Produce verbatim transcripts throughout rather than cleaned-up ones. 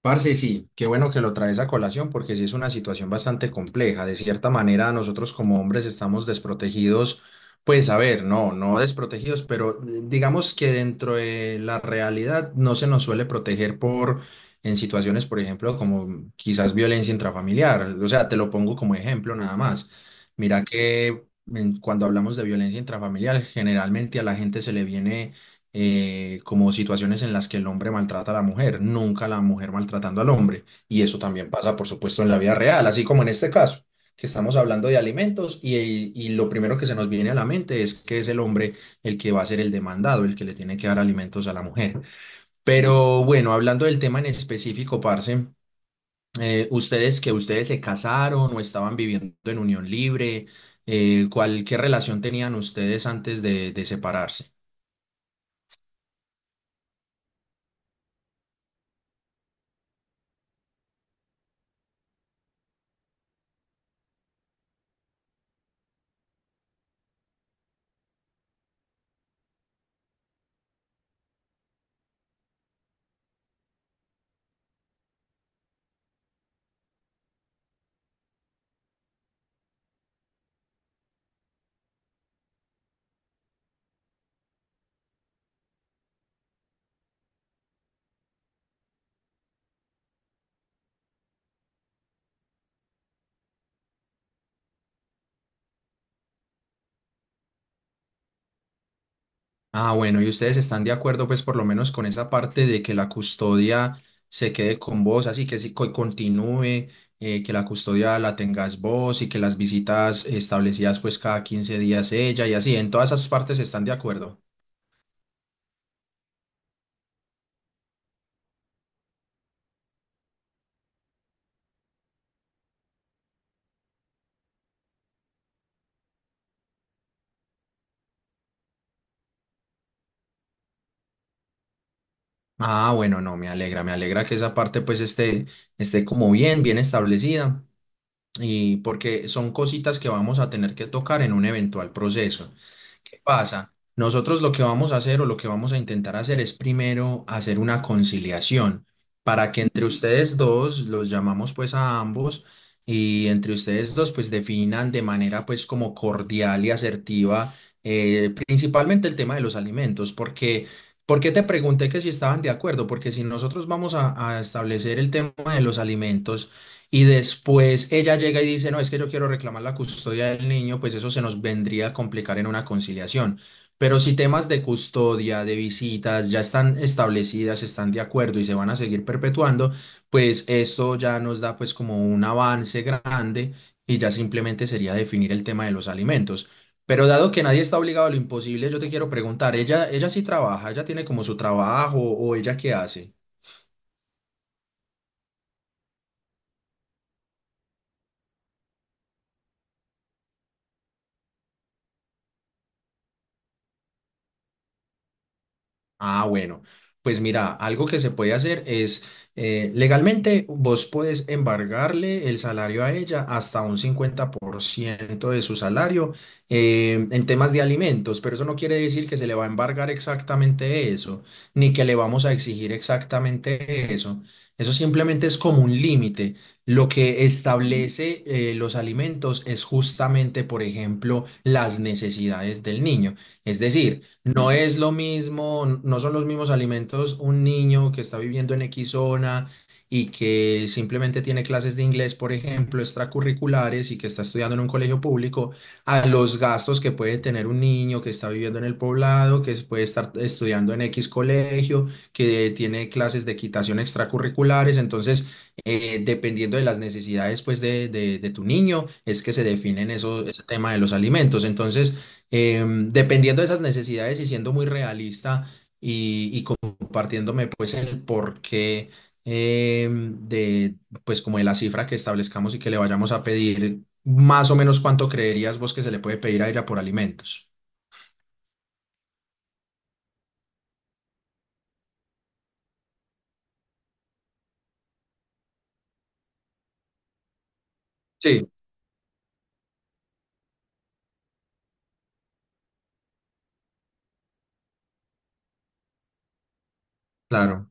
Parce, sí, qué bueno que lo traes a colación porque sí es una situación bastante compleja. De cierta manera, nosotros como hombres estamos desprotegidos, pues a ver, no, no desprotegidos, pero eh, digamos que dentro de la realidad no se nos suele proteger por en situaciones, por ejemplo, como quizás violencia intrafamiliar. O sea, te lo pongo como ejemplo nada más. Mira que mm, cuando hablamos de violencia intrafamiliar, generalmente a la gente se le viene eh, como situaciones en las que el hombre maltrata a la mujer, nunca la mujer maltratando al hombre. Y eso también pasa, por supuesto, en la vida real, así como en este caso, que estamos hablando de alimentos y, y lo primero que se nos viene a la mente es que es el hombre el que va a ser el demandado, el que le tiene que dar alimentos a la mujer. Pero bueno, hablando del tema en específico, parce, eh, ustedes que ustedes se casaron o estaban viviendo en unión libre. Eh, ¿cuál, qué relación tenían ustedes antes de de separarse? Ah, bueno, ¿y ustedes están de acuerdo, pues, por lo menos con esa parte de que la custodia se quede con vos, así que sí, co- continúe, eh, que la custodia la tengas vos y que las visitas establecidas, pues, cada quince días ella y así, en todas esas partes están de acuerdo? Ah, bueno, no, me alegra, me alegra que esa parte, pues, esté, esté como bien, bien establecida y porque son cositas que vamos a tener que tocar en un eventual proceso. ¿Qué pasa? Nosotros lo que vamos a hacer o lo que vamos a intentar hacer es primero hacer una conciliación para que entre ustedes dos los llamamos pues a ambos, y entre ustedes dos pues definan de manera pues como cordial y asertiva eh, principalmente el tema de los alimentos porque ¿por qué te pregunté que si estaban de acuerdo? Porque si nosotros vamos a a establecer el tema de los alimentos y después ella llega y dice, no, es que yo quiero reclamar la custodia del niño, pues eso se nos vendría a complicar en una conciliación. Pero si temas de custodia, de visitas, ya están establecidas, están de acuerdo y se van a seguir perpetuando, pues esto ya nos da pues como un avance grande y ya simplemente sería definir el tema de los alimentos. Pero dado que nadie está obligado a lo imposible, yo te quiero preguntar, ¿ella, ella sí trabaja? ¿Ella tiene como su trabajo o ella qué hace? Ah, bueno, pues mira, algo que se puede hacer es eh, legalmente vos podés embargarle el salario a ella hasta un cincuenta por ciento de su salario eh, en temas de alimentos, pero eso no quiere decir que se le va a embargar exactamente eso, ni que le vamos a exigir exactamente eso. Eso simplemente es como un límite. Lo que establece eh, los alimentos es justamente, por ejemplo, las necesidades del niño. Es decir, no es lo mismo, no son los mismos alimentos un niño que está viviendo en X zona y que simplemente tiene clases de inglés, por ejemplo, extracurriculares y que está estudiando en un colegio público, a los gastos que puede tener un niño que está viviendo en el poblado, que puede estar estudiando en X colegio, que tiene clases de equitación extracurriculares. Entonces, eh, dependiendo de las necesidades pues, de, de- de tu niño, es que se definen eso, ese tema de los alimentos. Entonces, em, dependiendo de esas necesidades y siendo muy realista y, y compartiéndome pues el porqué, em, de pues como de la cifra que establezcamos y que le vayamos a pedir, más o menos cuánto creerías vos que se le puede pedir a ella por alimentos. Sí, claro.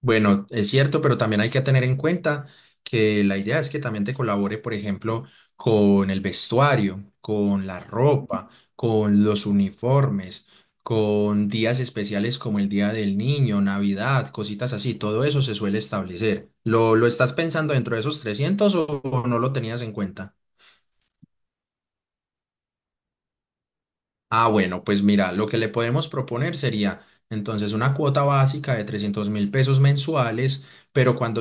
Bueno, es cierto, pero también hay que tener en cuenta que la idea es que también te colabore, por ejemplo, con el vestuario, con la ropa, con los uniformes, con días especiales como el Día del Niño, Navidad, cositas así. Todo eso se suele establecer. ¿Lo, lo estás pensando dentro de esos trescientos o o no lo tenías en cuenta? Ah, bueno, pues mira, lo que le podemos proponer sería entonces una cuota básica de trescientos mil pesos mensuales, pero cuando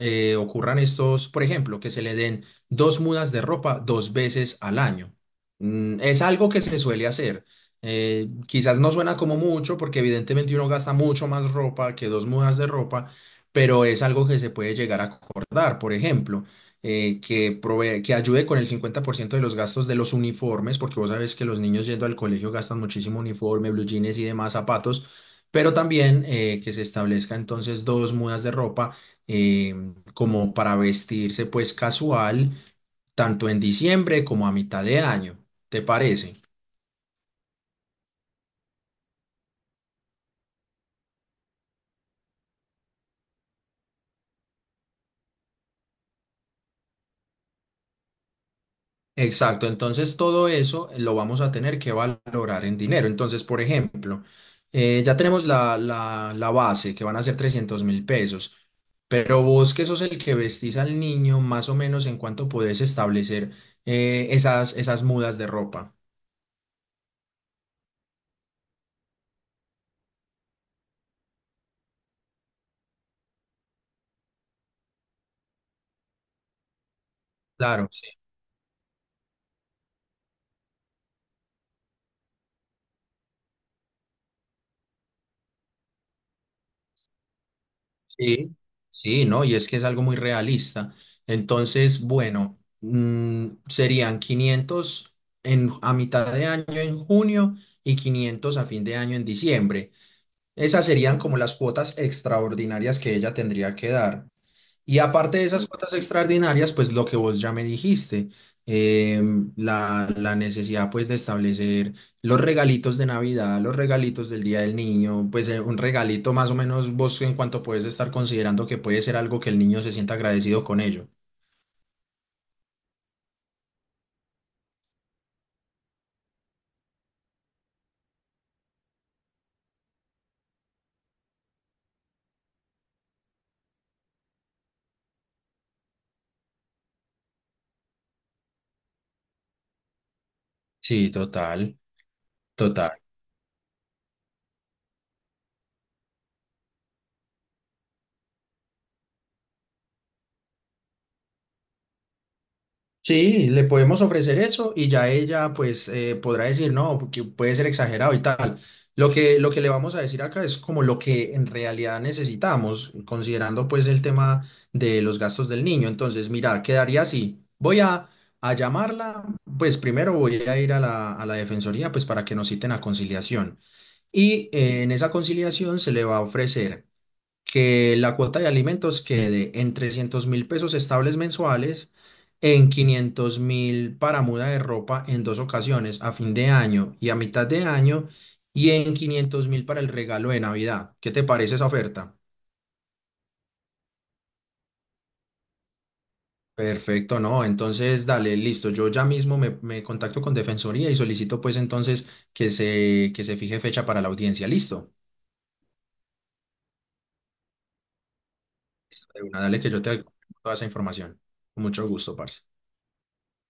eh, ocurran estos, por ejemplo, que se le den dos mudas de ropa dos veces al año. Mm, es algo que se suele hacer. Eh, quizás no suena como mucho, porque evidentemente uno gasta mucho más ropa que dos mudas de ropa, pero es algo que se puede llegar a acordar. Por ejemplo, eh, que, provee- que ayude con el cincuenta por ciento de los gastos de los uniformes, porque vos sabés que los niños yendo al colegio gastan muchísimo uniforme, blue jeans y demás zapatos, pero también eh, que se establezca entonces dos mudas de ropa eh, como para vestirse pues casual, tanto en diciembre como a mitad de año. ¿Te parece? Exacto, entonces todo eso lo vamos a tener que valorar en dinero. Entonces, por ejemplo, eh, ya tenemos la, la, la base que van a ser trescientos mil pesos, pero vos que sos el que vestís al niño, más o menos en cuánto podés establecer eh, esas, esas mudas de ropa. Claro, sí, sí, sí, ¿no? Y es que es algo muy realista. Entonces, bueno, mm, serían quinientos en, a mitad de año en junio y quinientos a fin de año en diciembre. Esas serían como las cuotas extraordinarias que ella tendría que dar. Y aparte de esas cuotas extraordinarias, pues lo que vos ya me dijiste, em, la, la necesidad pues de establecer los regalitos de Navidad, los regalitos del Día del Niño, pues eh, un regalito más o menos vos en cuanto puedes estar considerando que puede ser algo que el niño se sienta agradecido con ello. Sí, total, total. Sí, le podemos ofrecer eso y ya ella pues eh, podrá decir, no, porque puede ser exagerado y tal. Lo que, lo que le vamos a decir acá es como lo que en realidad necesitamos, considerando pues el tema de los gastos del niño. Entonces, mira, quedaría así. Voy a, a llamarla, pues primero voy a ir a la, a la defensoría pues para que nos citen a conciliación. Y eh, en esa conciliación se le va a ofrecer que la cuota de alimentos quede en trescientos mil pesos estables mensuales, en quinientos mil para muda de ropa en dos ocasiones, a fin de año y a mitad de año, y en quinientos mil para el regalo de Navidad. ¿Qué te parece esa oferta? Perfecto, no. Entonces, dale, listo. Yo ya mismo me, me contacto con Defensoría y solicito pues entonces que se, que se fije fecha para la audiencia. Listo. Listo, de una, dale que yo te doy toda esa información. Con mucho gusto, parce.